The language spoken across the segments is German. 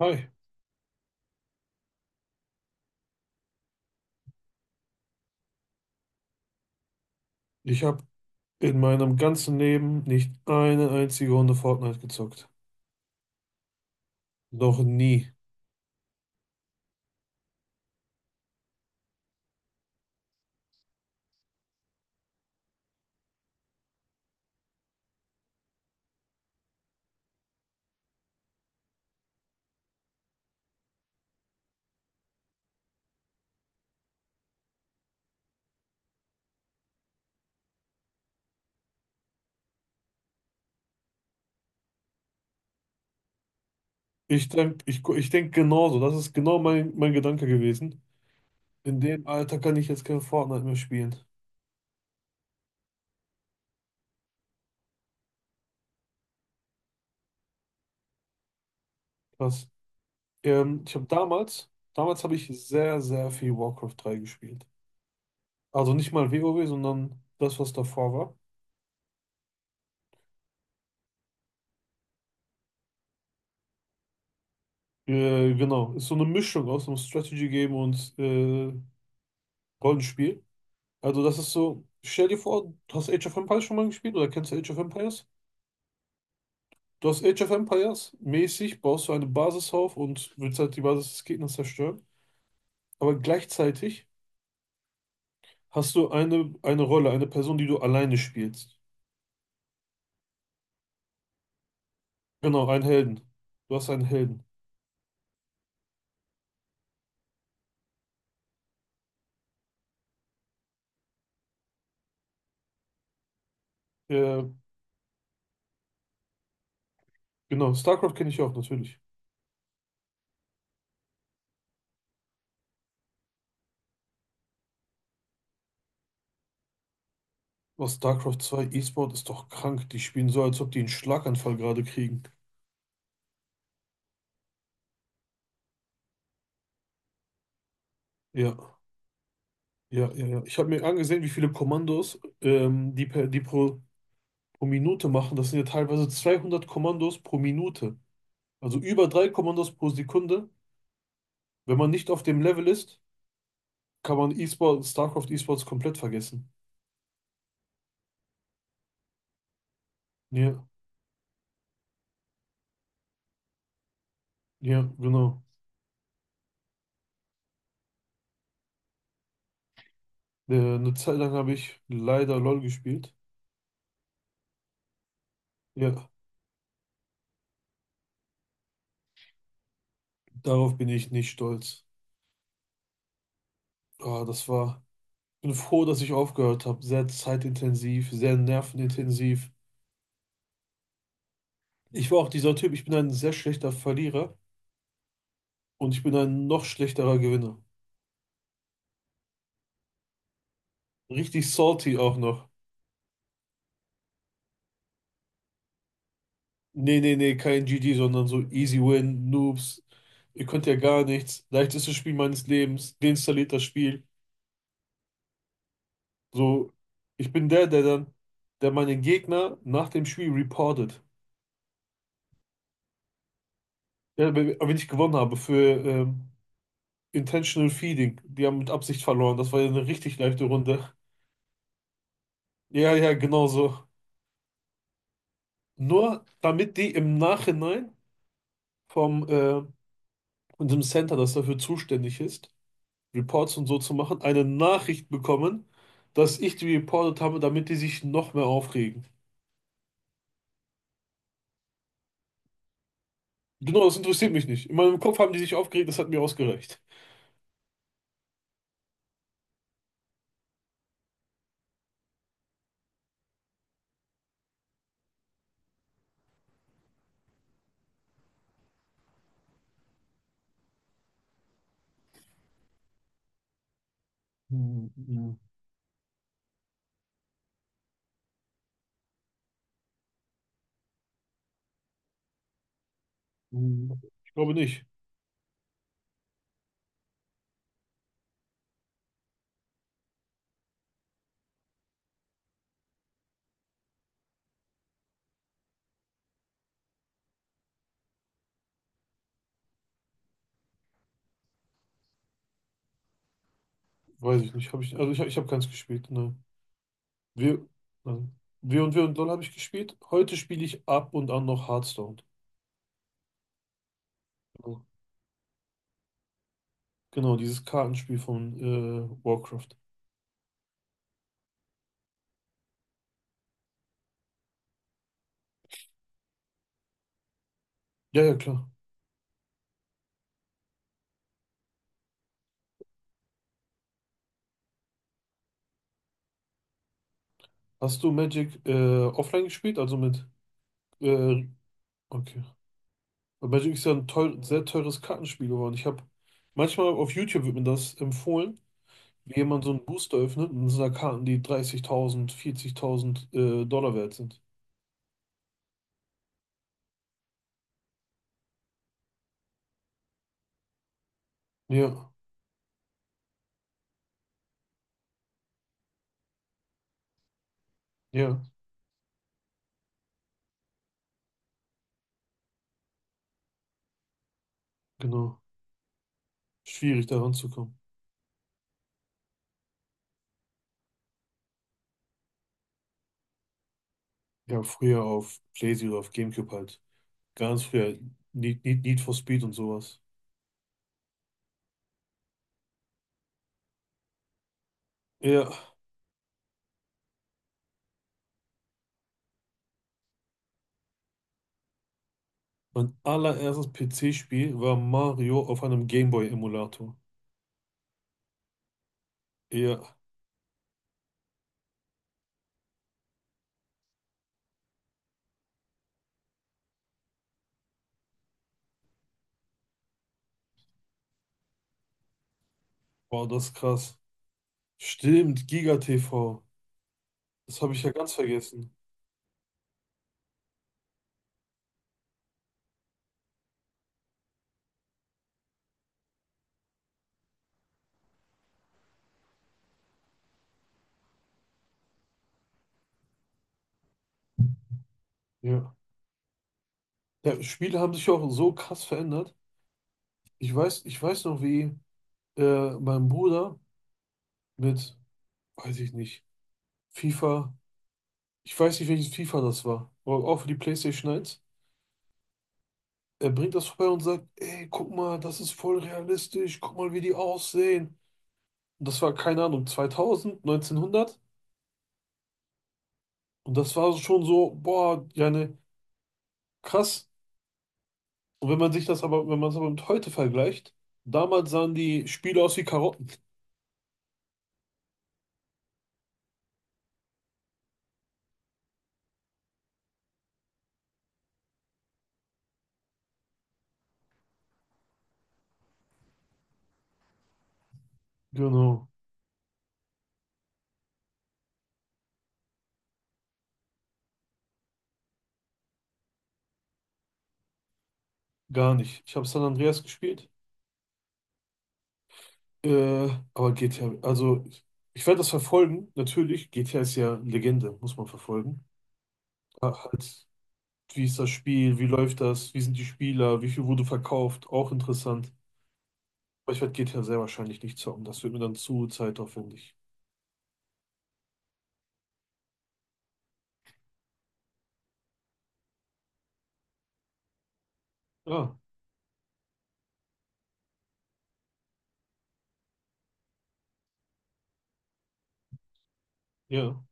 Hi, ich habe in meinem ganzen Leben nicht eine einzige Runde Fortnite gezockt. Noch nie. Ich denk genauso. Das ist genau mein Gedanke gewesen. In dem Alter kann ich jetzt kein Fortnite mehr spielen. Krass. Ich habe damals habe ich sehr, sehr viel Warcraft 3 gespielt. Also nicht mal WoW, sondern das, was davor war. Genau. Ist so eine Mischung aus einem Strategy-Game und Rollenspiel. Also das ist so, stell dir vor, du hast Age of Empires schon mal gespielt? Oder kennst du Age of Empires? Du hast Age of Empires mäßig, baust du eine Basis auf und willst halt die Basis des Gegners zerstören. Aber gleichzeitig hast du eine Rolle, eine Person, die du alleine spielst. Genau, einen Helden. Du hast einen Helden. Äh, genau, StarCraft kenne ich auch natürlich. Was StarCraft 2 E-Sport ist doch krank. Die spielen so, als ob die einen Schlaganfall gerade kriegen. Ja, ja, ja, ja. Ich habe mir angesehen, wie viele Kommandos die pro Minute machen, das sind ja teilweise 200 Kommandos pro Minute. Also über drei Kommandos pro Sekunde. Wenn man nicht auf dem Level ist, kann man E-Sport, StarCraft E-Sports komplett vergessen. Ja, ja, genau. Eine Zeit lang habe ich leider LOL gespielt. Ja, darauf bin ich nicht stolz. Ah, das war. Ich bin froh, dass ich aufgehört habe. Sehr zeitintensiv, sehr nervenintensiv. Ich war auch dieser Typ, ich bin ein sehr schlechter Verlierer und ich bin ein noch schlechterer Gewinner. Richtig salty auch noch. Nee, nee, nee, kein GG, sondern so Easy Win, Noobs. Ihr könnt ja gar nichts. Leichtestes Spiel meines Lebens. Deinstalliert das Spiel. So, ich bin der, der dann, der meinen Gegner nach dem Spiel reportet. Ja, wenn ich gewonnen habe für ähm, Intentional Feeding. Die haben mit Absicht verloren. Das war ja eine richtig leichte Runde. Ja, ja, genau so. Nur damit die im Nachhinein vom unserem Center, das dafür zuständig ist, Reports und so zu machen, eine Nachricht bekommen, dass ich die reportet habe, damit die sich noch mehr aufregen. Genau, das interessiert mich nicht. In meinem Kopf haben die sich aufgeregt, das hat mir ausgereicht. Hm, hm, hm. Ich glaube nicht. Weiß ich nicht. Hab ich, also ich habe keins gespielt. Nein. Wir, nein. Wir und Doll habe ich gespielt. Heute spiele ich ab und an noch Hearthstone. Genau, Genau, dieses Kartenspiel von Warcraft. Ja, ja, klar. Hast du Magic offline gespielt? Also mit. Äh, okay. Und Magic ist ja sehr teures Kartenspiel geworden. Ich habe manchmal auf YouTube wird mir das empfohlen, wie jemand so einen Booster öffnet und es sind da Karten, die 30.000, 40.000 Dollar wert sind. Ja, ja, genau. Schwierig da ranzukommen. Ja, früher auf PlayStation oder auf GameCube halt. Ganz früher Need for Speed und sowas. Ja, mein allererstes PC-Spiel war Mario auf einem Gameboy-Emulator. Ja, wow, das ist krass. Stimmt, Giga TV. Das habe ich ja ganz vergessen. Ja. Ja, Spiele haben sich ja auch so krass verändert. Ich weiß noch, wie mein Bruder mit, weiß ich nicht, FIFA, ich weiß nicht, welches FIFA das war, aber auch für die PlayStation 1. Er bringt das vorbei und sagt, ey, guck mal, das ist voll realistisch, guck mal, wie die aussehen. Und das war, keine Ahnung, 2000, 1900. Und das war schon so, boah, ja, ne, krass. Und wenn man sich das aber, wenn man es aber mit heute vergleicht, damals sahen die Spiele aus wie Karotten. Genau. Gar nicht. Ich habe San Andreas gespielt, äh, aber GTA, also ich werde das verfolgen, natürlich. GTA ist ja Legende, muss man verfolgen. Ach, halt, wie ist das Spiel, wie läuft das, wie sind die Spieler, wie viel wurde verkauft, auch interessant. Aber ich werde GTA sehr wahrscheinlich nicht zocken, das wird mir dann zu zeitaufwendig. Ja, ja,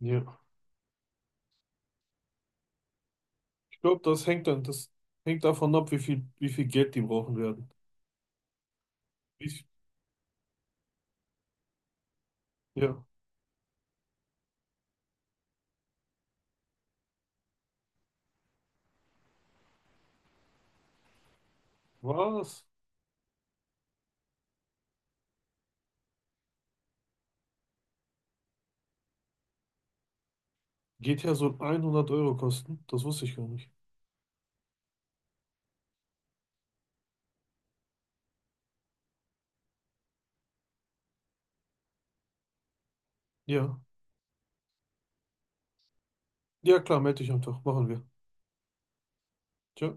ja. Ich glaube, das hängt davon ab, wie viel Geld die brauchen werden. Wie, viel- ja, was? GTA soll 100 € kosten? Das wusste ich gar nicht. Ja. Ja, klar, melde dich einfach. Machen wir. Tschö.